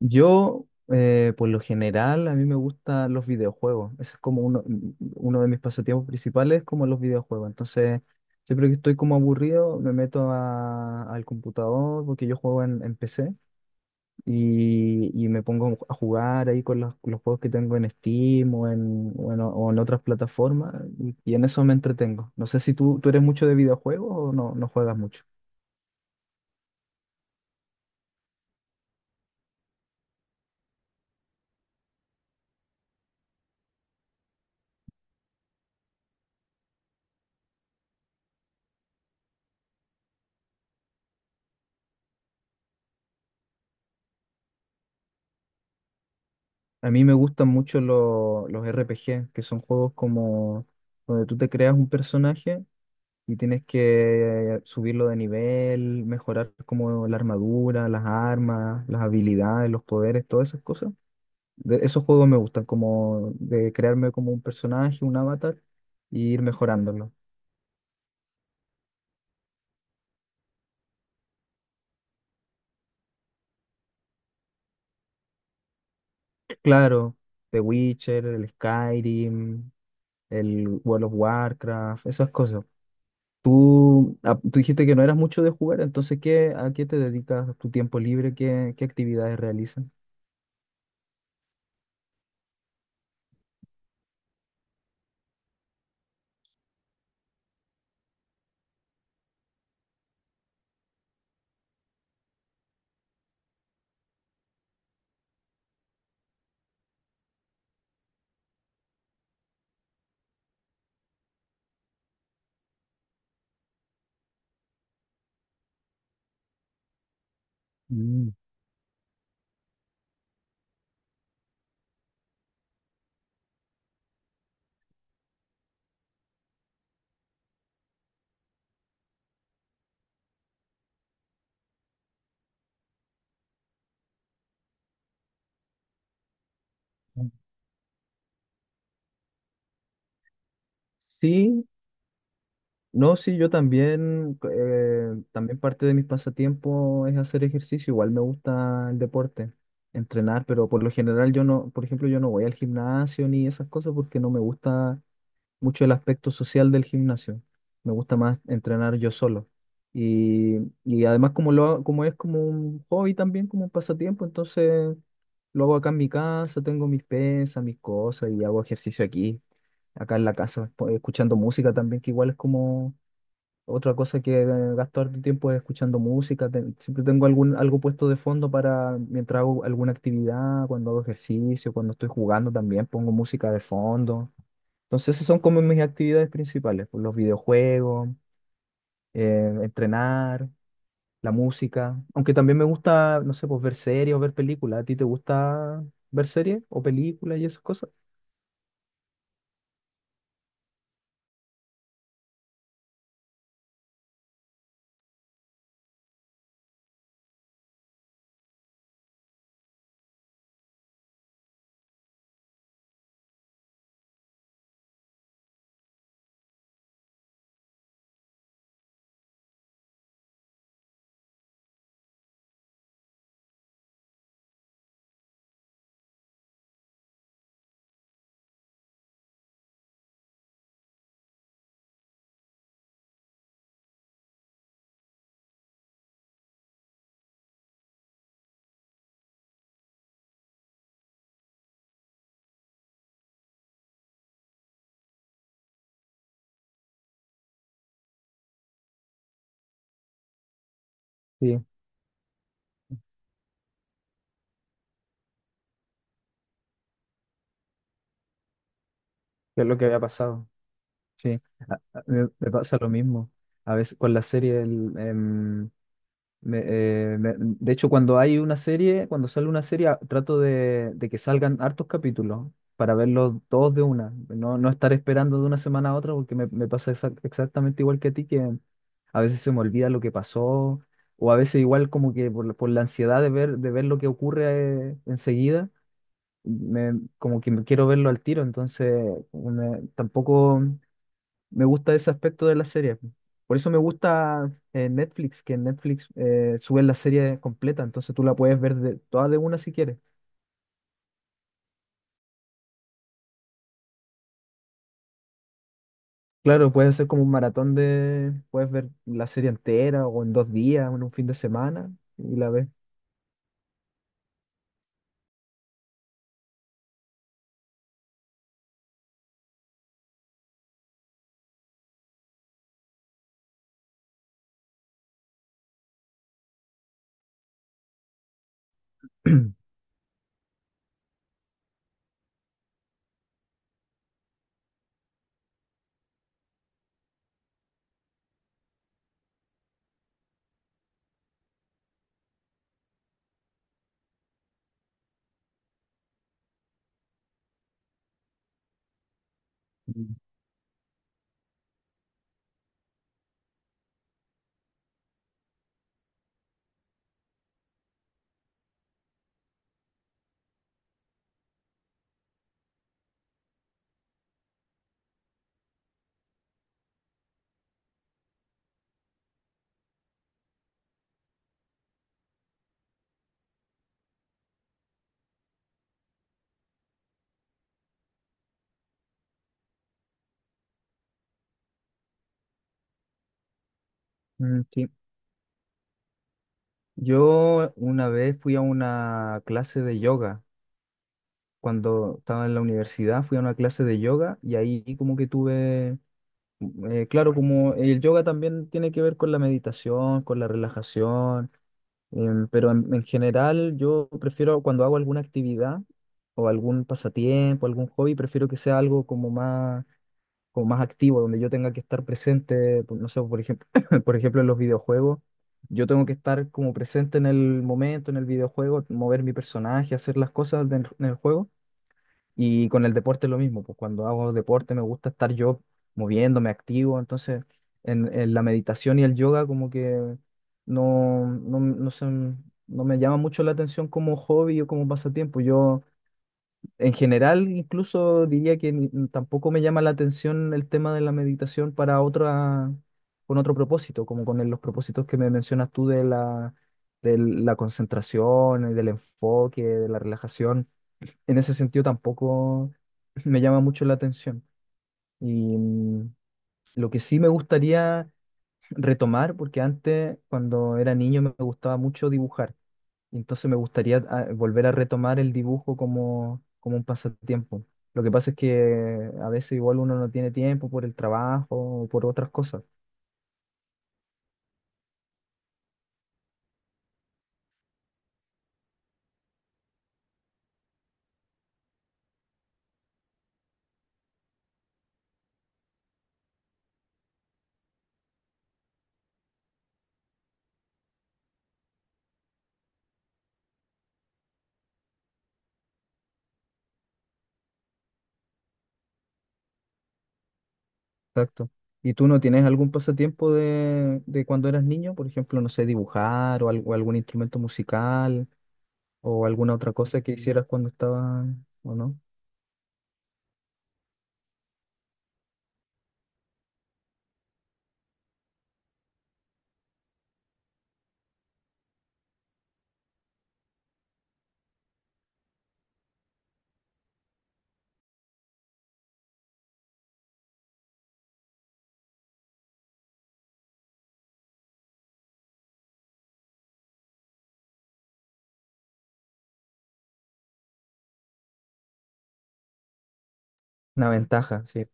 Yo, por lo general, a mí me gustan los videojuegos. Ese es como uno de mis pasatiempos principales, como los videojuegos. Entonces, siempre que estoy como aburrido, al computador, porque yo juego en PC, y me pongo a jugar ahí con los juegos que tengo en Steam o en otras plataformas, y en eso me entretengo. No sé si tú eres mucho de videojuegos o no juegas mucho. A mí me gustan mucho los RPG, que son juegos como donde tú te creas un personaje y tienes que subirlo de nivel, mejorar como la armadura, las armas, las habilidades, los poderes, todas esas cosas. Esos juegos me gustan, como de crearme como un personaje, un avatar, y ir mejorándolo. Claro, The Witcher, el Skyrim, el World of Warcraft, esas cosas. Tú dijiste que no eras mucho de jugar, entonces a qué te dedicas tu tiempo libre? Qué actividades realizas? Mm. Sí, no, sí, yo también, también parte de mis pasatiempos es hacer ejercicio, igual me gusta el deporte, entrenar, pero por lo general yo no, por ejemplo, yo no voy al gimnasio ni esas cosas porque no me gusta mucho el aspecto social del gimnasio. Me gusta más entrenar yo solo. Y, y además como es como un hobby también, como un pasatiempo, entonces lo hago acá en mi casa, tengo mis pesas, mis cosas y hago ejercicio aquí, acá en la casa, escuchando música también, que igual es como otra cosa que gasto harto tiempo es escuchando música. Siempre tengo algo puesto de fondo para mientras hago alguna actividad, cuando hago ejercicio, cuando estoy jugando también pongo música de fondo. Entonces, esas son como mis actividades principales, pues, los videojuegos, entrenar, la música. Aunque también me gusta, no sé, pues ver series o ver películas. ¿A ti te gusta ver series o películas y esas cosas? Sí, que es lo que había pasado. Sí, me pasa lo mismo. A veces con la serie. De hecho, cuando hay una serie, cuando sale una serie, trato de que salgan hartos capítulos para verlos todos de una. No, no estar esperando de una semana a otra porque me pasa exactamente igual que a ti, que a veces se me olvida lo que pasó o a veces igual como que por la ansiedad de ver lo que ocurre enseguida, me, como que me quiero verlo al tiro, entonces tampoco... Me gusta ese aspecto de la serie. Por eso me gusta Netflix, que en Netflix suben la serie completa, entonces tú la puedes ver toda de una si quieres. Claro, puedes hacer como un maratón de, puedes ver la serie entera o en dos días o en un fin de semana y la ves. Mm, sí. Yo una vez fui a una clase de yoga. Cuando estaba en la universidad fui a una clase de yoga y ahí como que tuve. Claro, como el yoga también tiene que ver con la meditación, con la relajación, pero en general yo prefiero cuando hago alguna actividad o algún pasatiempo, algún hobby, prefiero que sea algo como como más activo, donde yo tenga que estar presente, no sé, por ejemplo, por ejemplo en los videojuegos, yo tengo que estar como presente en el momento, en el videojuego, mover mi personaje, hacer las cosas en el juego. Y con el deporte es lo mismo, pues cuando hago deporte me gusta estar yo moviéndome, activo, entonces en la meditación y el yoga como que no, no, no se- no me llama mucho la atención como hobby o como pasatiempo. Yo en general, incluso diría que tampoco me llama la atención el tema de la meditación para otra, con otro propósito, como con los propósitos que me mencionas tú de de la concentración, y del enfoque, de la relajación. En ese sentido tampoco me llama mucho la atención. Y lo que sí me gustaría retomar, porque antes, cuando era niño, me gustaba mucho dibujar y entonces me gustaría volver a retomar el dibujo como, como un pasatiempo. Lo que pasa es que a veces igual uno no tiene tiempo por el trabajo o por otras cosas. Exacto. ¿Y tú no tienes algún pasatiempo de cuando eras niño? Por ejemplo, no sé, dibujar o algún instrumento musical o alguna otra cosa que hicieras cuando estabas, ¿o no? Una ventaja, sí.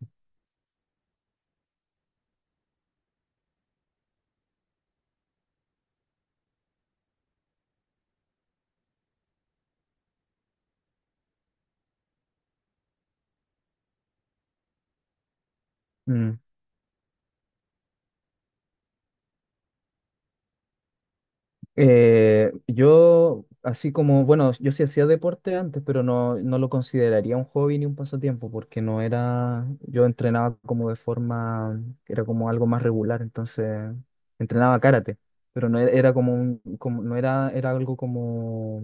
Mm. Bueno, yo sí hacía deporte antes, pero no lo consideraría un hobby ni un pasatiempo, porque no era, yo entrenaba como de forma, era como algo más regular, entonces entrenaba karate, pero no era, era como como, no era, era algo como,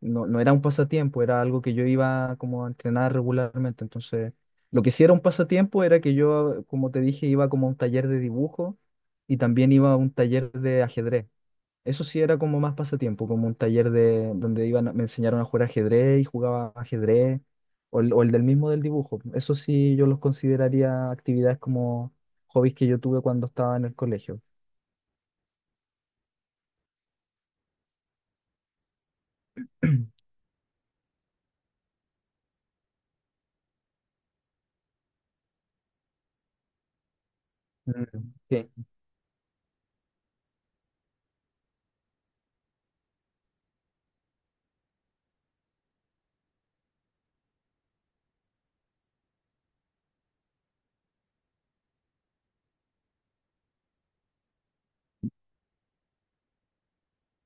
no era un pasatiempo, era algo que yo iba como a entrenar regularmente, entonces lo que sí era un pasatiempo era que yo, como te dije, iba como a un taller de dibujo y también iba a un taller de ajedrez. Eso sí era como más pasatiempo, como un taller de donde iban, me enseñaron a jugar ajedrez y jugaba ajedrez, o el del mismo del dibujo. Eso sí yo los consideraría actividades como hobbies que yo tuve cuando estaba en el colegio. Mm, sí.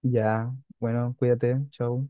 Ya, bueno, cuídate, chao.